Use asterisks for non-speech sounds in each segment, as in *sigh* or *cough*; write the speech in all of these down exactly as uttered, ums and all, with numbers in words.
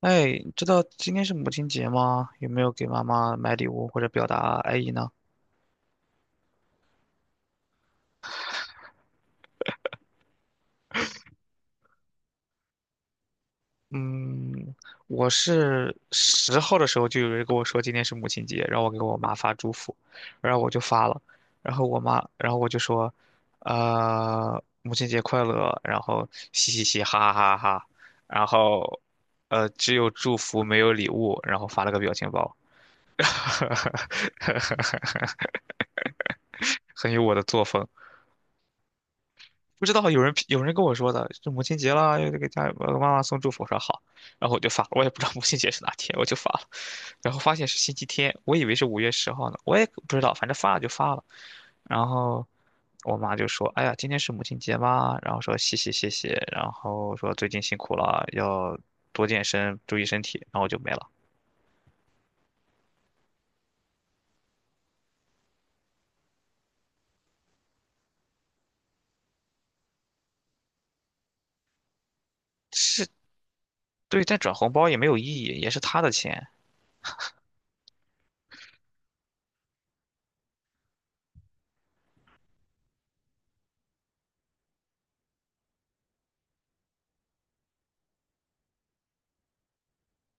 哎，你知道今天是母亲节吗？有没有给妈妈买礼物或者表达爱意呢？嗯，我是十号的时候就有人跟我说今天是母亲节，让我给我妈发祝福，然后我就发了，然后我妈，然后我就说，呃，母亲节快乐，然后嘻嘻嘻，哈哈哈哈，然后，呃，只有祝福没有礼物，然后发了个表情包，*laughs* 很有我的作风。不知道有人有人跟我说的，就母亲节啦，要给家呃妈妈送祝福，我说好，然后我就发了，我也不知道母亲节是哪天，我就发了，然后发现是星期天，我以为是五月十号呢，我也不知道，反正发了就发了，然后我妈就说，哎呀，今天是母亲节吗？然后说谢谢谢谢，然后说最近辛苦了，要多健身，注意身体，然后我就没了。对，但转红包也没有意义，也是她的钱，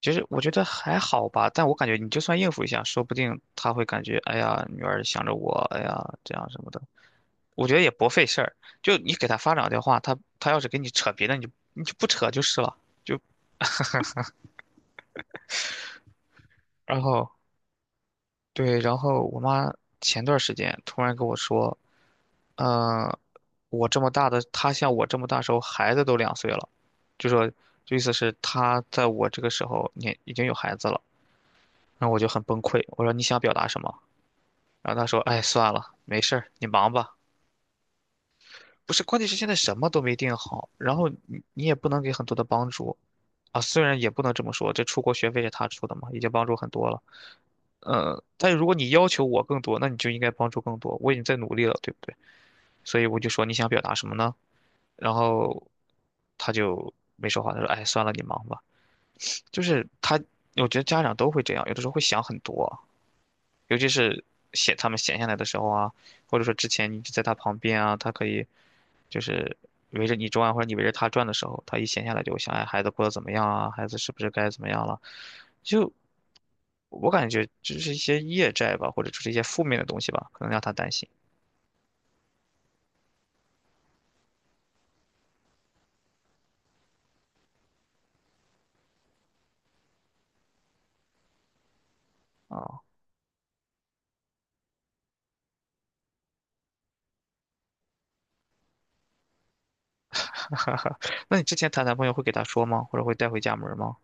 其实我觉得还好吧，但我感觉你就算应付一下，说不定他会感觉，哎呀，女儿想着我，哎呀，这样什么的。我觉得也不费事儿，就你给他发两句话，他他要是跟你扯别的，你就你就不扯就是了。就然后对，然后我妈前段时间突然跟我说，嗯、我这么大的，她像我这么大时候，孩子都两岁了，就说就意思是她在我这个时候，你已经有孩子了。然后我就很崩溃，我说你想表达什么？然后他说："哎，算了，没事儿，你忙吧。"不是，关键是现在什么都没定好，然后你你也不能给很多的帮助啊。虽然也不能这么说，这出国学费是他出的嘛，已经帮助很多了。呃，但是如果你要求我更多，那你就应该帮助更多。我已经在努力了，对不对？所以我就说你想表达什么呢？然后他就没说话，他说："哎，算了，你忙吧。"就是他，我觉得家长都会这样，有的时候会想很多。尤其是闲他们闲下来的时候啊，或者说之前你就在他旁边啊，他可以就是围着你转啊，或者你围着他转的时候，他一闲下来就会想，哎，孩子过得怎么样啊？孩子是不是该怎么样了？就我感觉就是一些业债吧，或者就是一些负面的东西吧，可能让他担心啊。*laughs* 那你之前谈男朋友会给他说吗？或者会带回家门吗？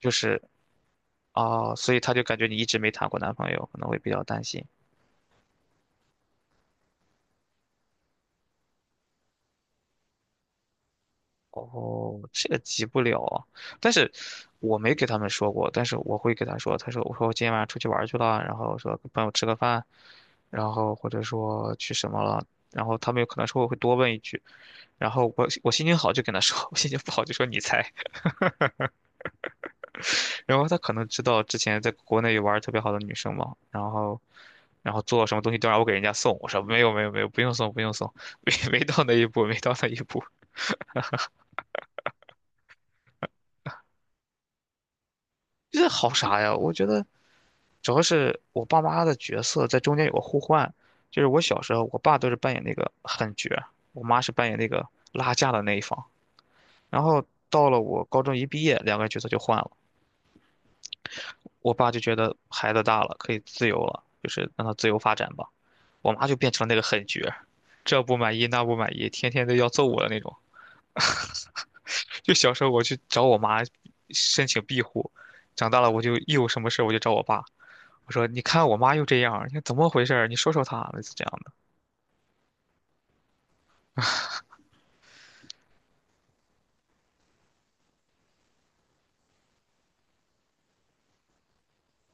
就是啊，哦所以他就感觉你一直没谈过男朋友，可能会比较担心。哦，这个急不了啊但是我没给他们说过，但是我会给他说，他说我说我今天晚上出去玩去了，然后说跟朋友吃个饭，然后或者说去什么了，然后他们有可能说我会多问一句，然后我我心情好就跟他说，*laughs* 我心情不好就说你猜，然后他可能知道之前在国内有玩特别好的女生嘛，然后然后做什么东西都让我给人家送，我说没有没有没有，不用送不用送，*laughs* 没没到那一步没到那一步，*laughs* 这好啥呀？我觉得。主要是我爸妈的角色在中间有个互换，就是我小时候，我爸都是扮演那个狠角儿，我妈是扮演那个拉架的那一方。然后到了我高中一毕业，两个人角色就换了。我爸就觉得孩子大了，可以自由了，就是让他自由发展吧。我妈就变成了那个狠角儿，这不满意那不满意，天天都要揍我的那种。就小时候我去找我妈申请庇护，长大了我就一有什么事儿我就找我爸。我说："你看我妈又这样儿你看怎么回事儿你说说她，类似这样的。"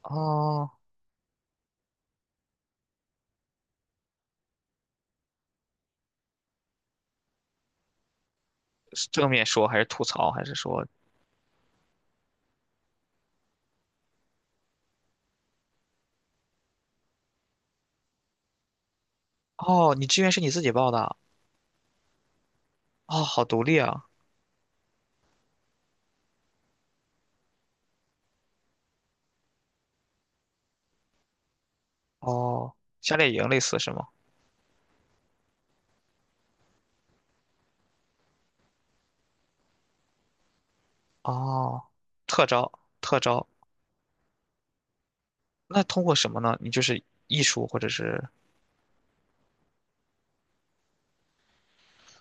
哦，是正面说还是吐槽，还是说哦，你志愿是你自己报的？哦，好独立啊！哦，夏令营类似是吗？哦，特招，特招，那通过什么呢？你就是艺术或者是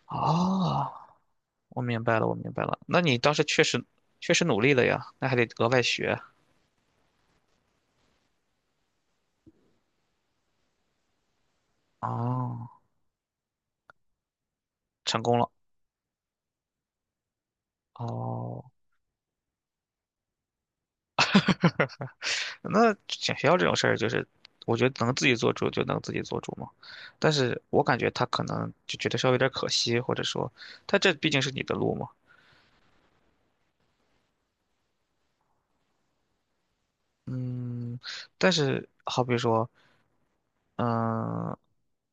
哦，我明白了，我明白了。那你当时确实确实努力了呀，那还得额外学哦，成功了哦。那选学校这种事儿，就是我觉得能自己做主就能自己做主嘛。但是我感觉他可能就觉得稍微有点可惜，或者说他这毕竟是你的路嘛。嗯，但是好比说，嗯，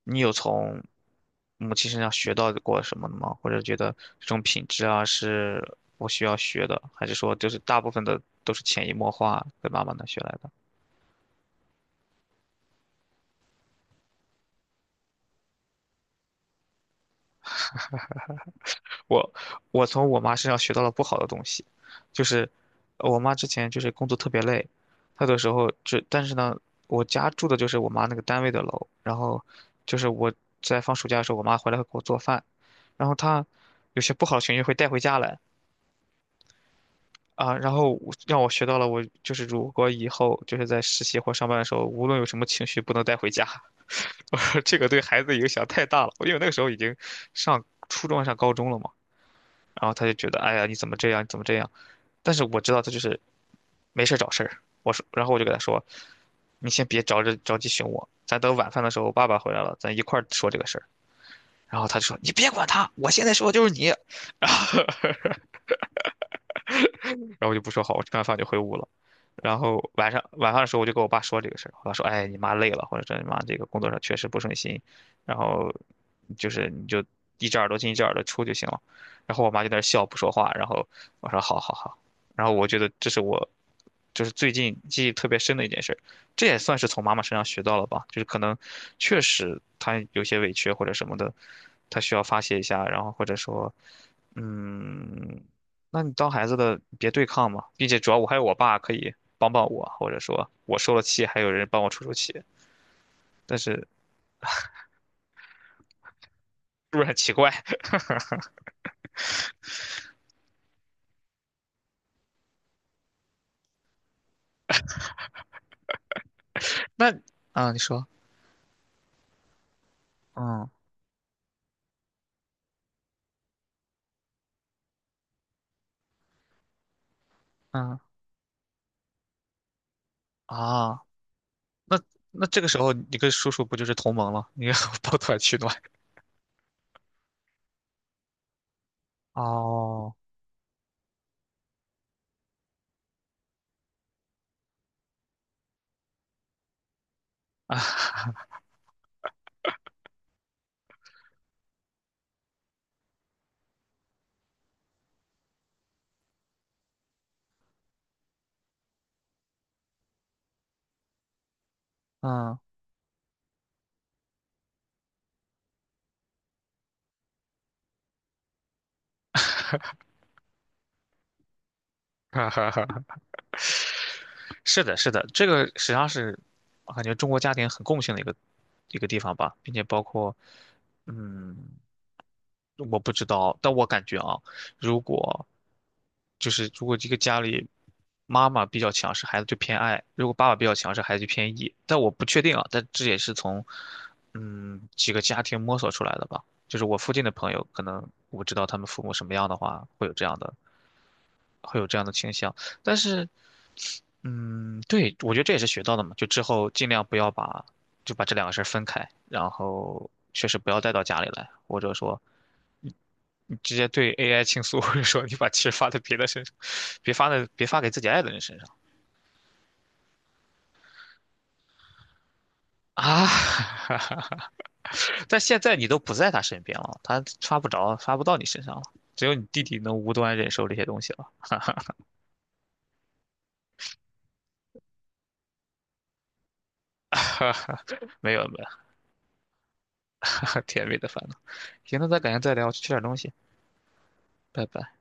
你有从母亲身上学到过什么的吗？或者觉得这种品质啊是我需要学的，还是说就是大部分的都是潜移默化跟妈妈那学来的？我我从我妈身上学到了不好的东西，就是呃我妈之前就是工作特别累，她的时候就但是呢，我家住的就是我妈那个单位的楼，然后就是我在放暑假的时候，我妈回来会给我做饭，然后她有些不好的情绪会带回家来啊，然后我让我学到了我就是如果以后就是在实习或上班的时候，无论有什么情绪不能带回家，*laughs* 我说这个对孩子影响太大了，因为那个时候已经上初中上高中了嘛。然后他就觉得，哎呀，你怎么这样？你怎么这样？但是我知道他就是没事儿找事儿。我说，然后我就给他说，你先别着着着急寻我，咱等晚饭的时候爸爸回来了，咱一块儿说这个事儿。然后他就说，你别管他，我现在说的就是你。*laughs* 然后我就不说好，我吃完饭就回屋了。然后晚上晚饭的时候，我就跟我爸说这个事儿，我爸说，哎，你妈累了，或者说你妈这个工作上确实不顺心，然后就是你就一只耳朵进一只耳朵出就行了。然后我妈就在那儿笑不说话，然后我说好好好，然后我觉得这是我就是最近记忆特别深的一件事儿，这也算是从妈妈身上学到了吧，就是可能确实她有些委屈或者什么的，她需要发泄一下，然后或者说。嗯，那你当孩子的别对抗嘛，并且主要我还有我爸可以帮帮我，或者说我受了气，还有人帮我出出气，但是是不是很奇怪？*laughs* 那啊，你说，嗯嗯啊，那那这个时候你跟叔叔不就是同盟了？你要 *laughs* 抱团取暖。哦，嗯，*laughs* 哈哈哈，是的，是的，这个实际上是我感觉中国家庭很共性的一个一个地方吧，并且包括嗯我不知道，但我感觉啊，如果就是如果这个家里妈妈比较强势，孩子就偏爱；如果爸爸比较强势，孩子就偏 E。但我不确定啊，但这也是从嗯几个家庭摸索出来的吧。就是我附近的朋友，可能我知道他们父母什么样的话，会有这样的会有这样的倾向。但是嗯，对，我觉得这也是学到的嘛，就之后尽量不要把就把这两个事儿分开，然后确实不要带到家里来，或者说直接对 A I 倾诉，*laughs* 或者说你把气儿发在别的身上，别发在别发给自己爱的人身上啊！*laughs* 但现在你都不在他身边了，他刷不着，刷不到你身上了，只有你弟弟能无端忍受这些东西了。*laughs* 没有没有，*laughs* 甜蜜的烦恼。行，那咱改天再聊，我去吃点东西，拜拜。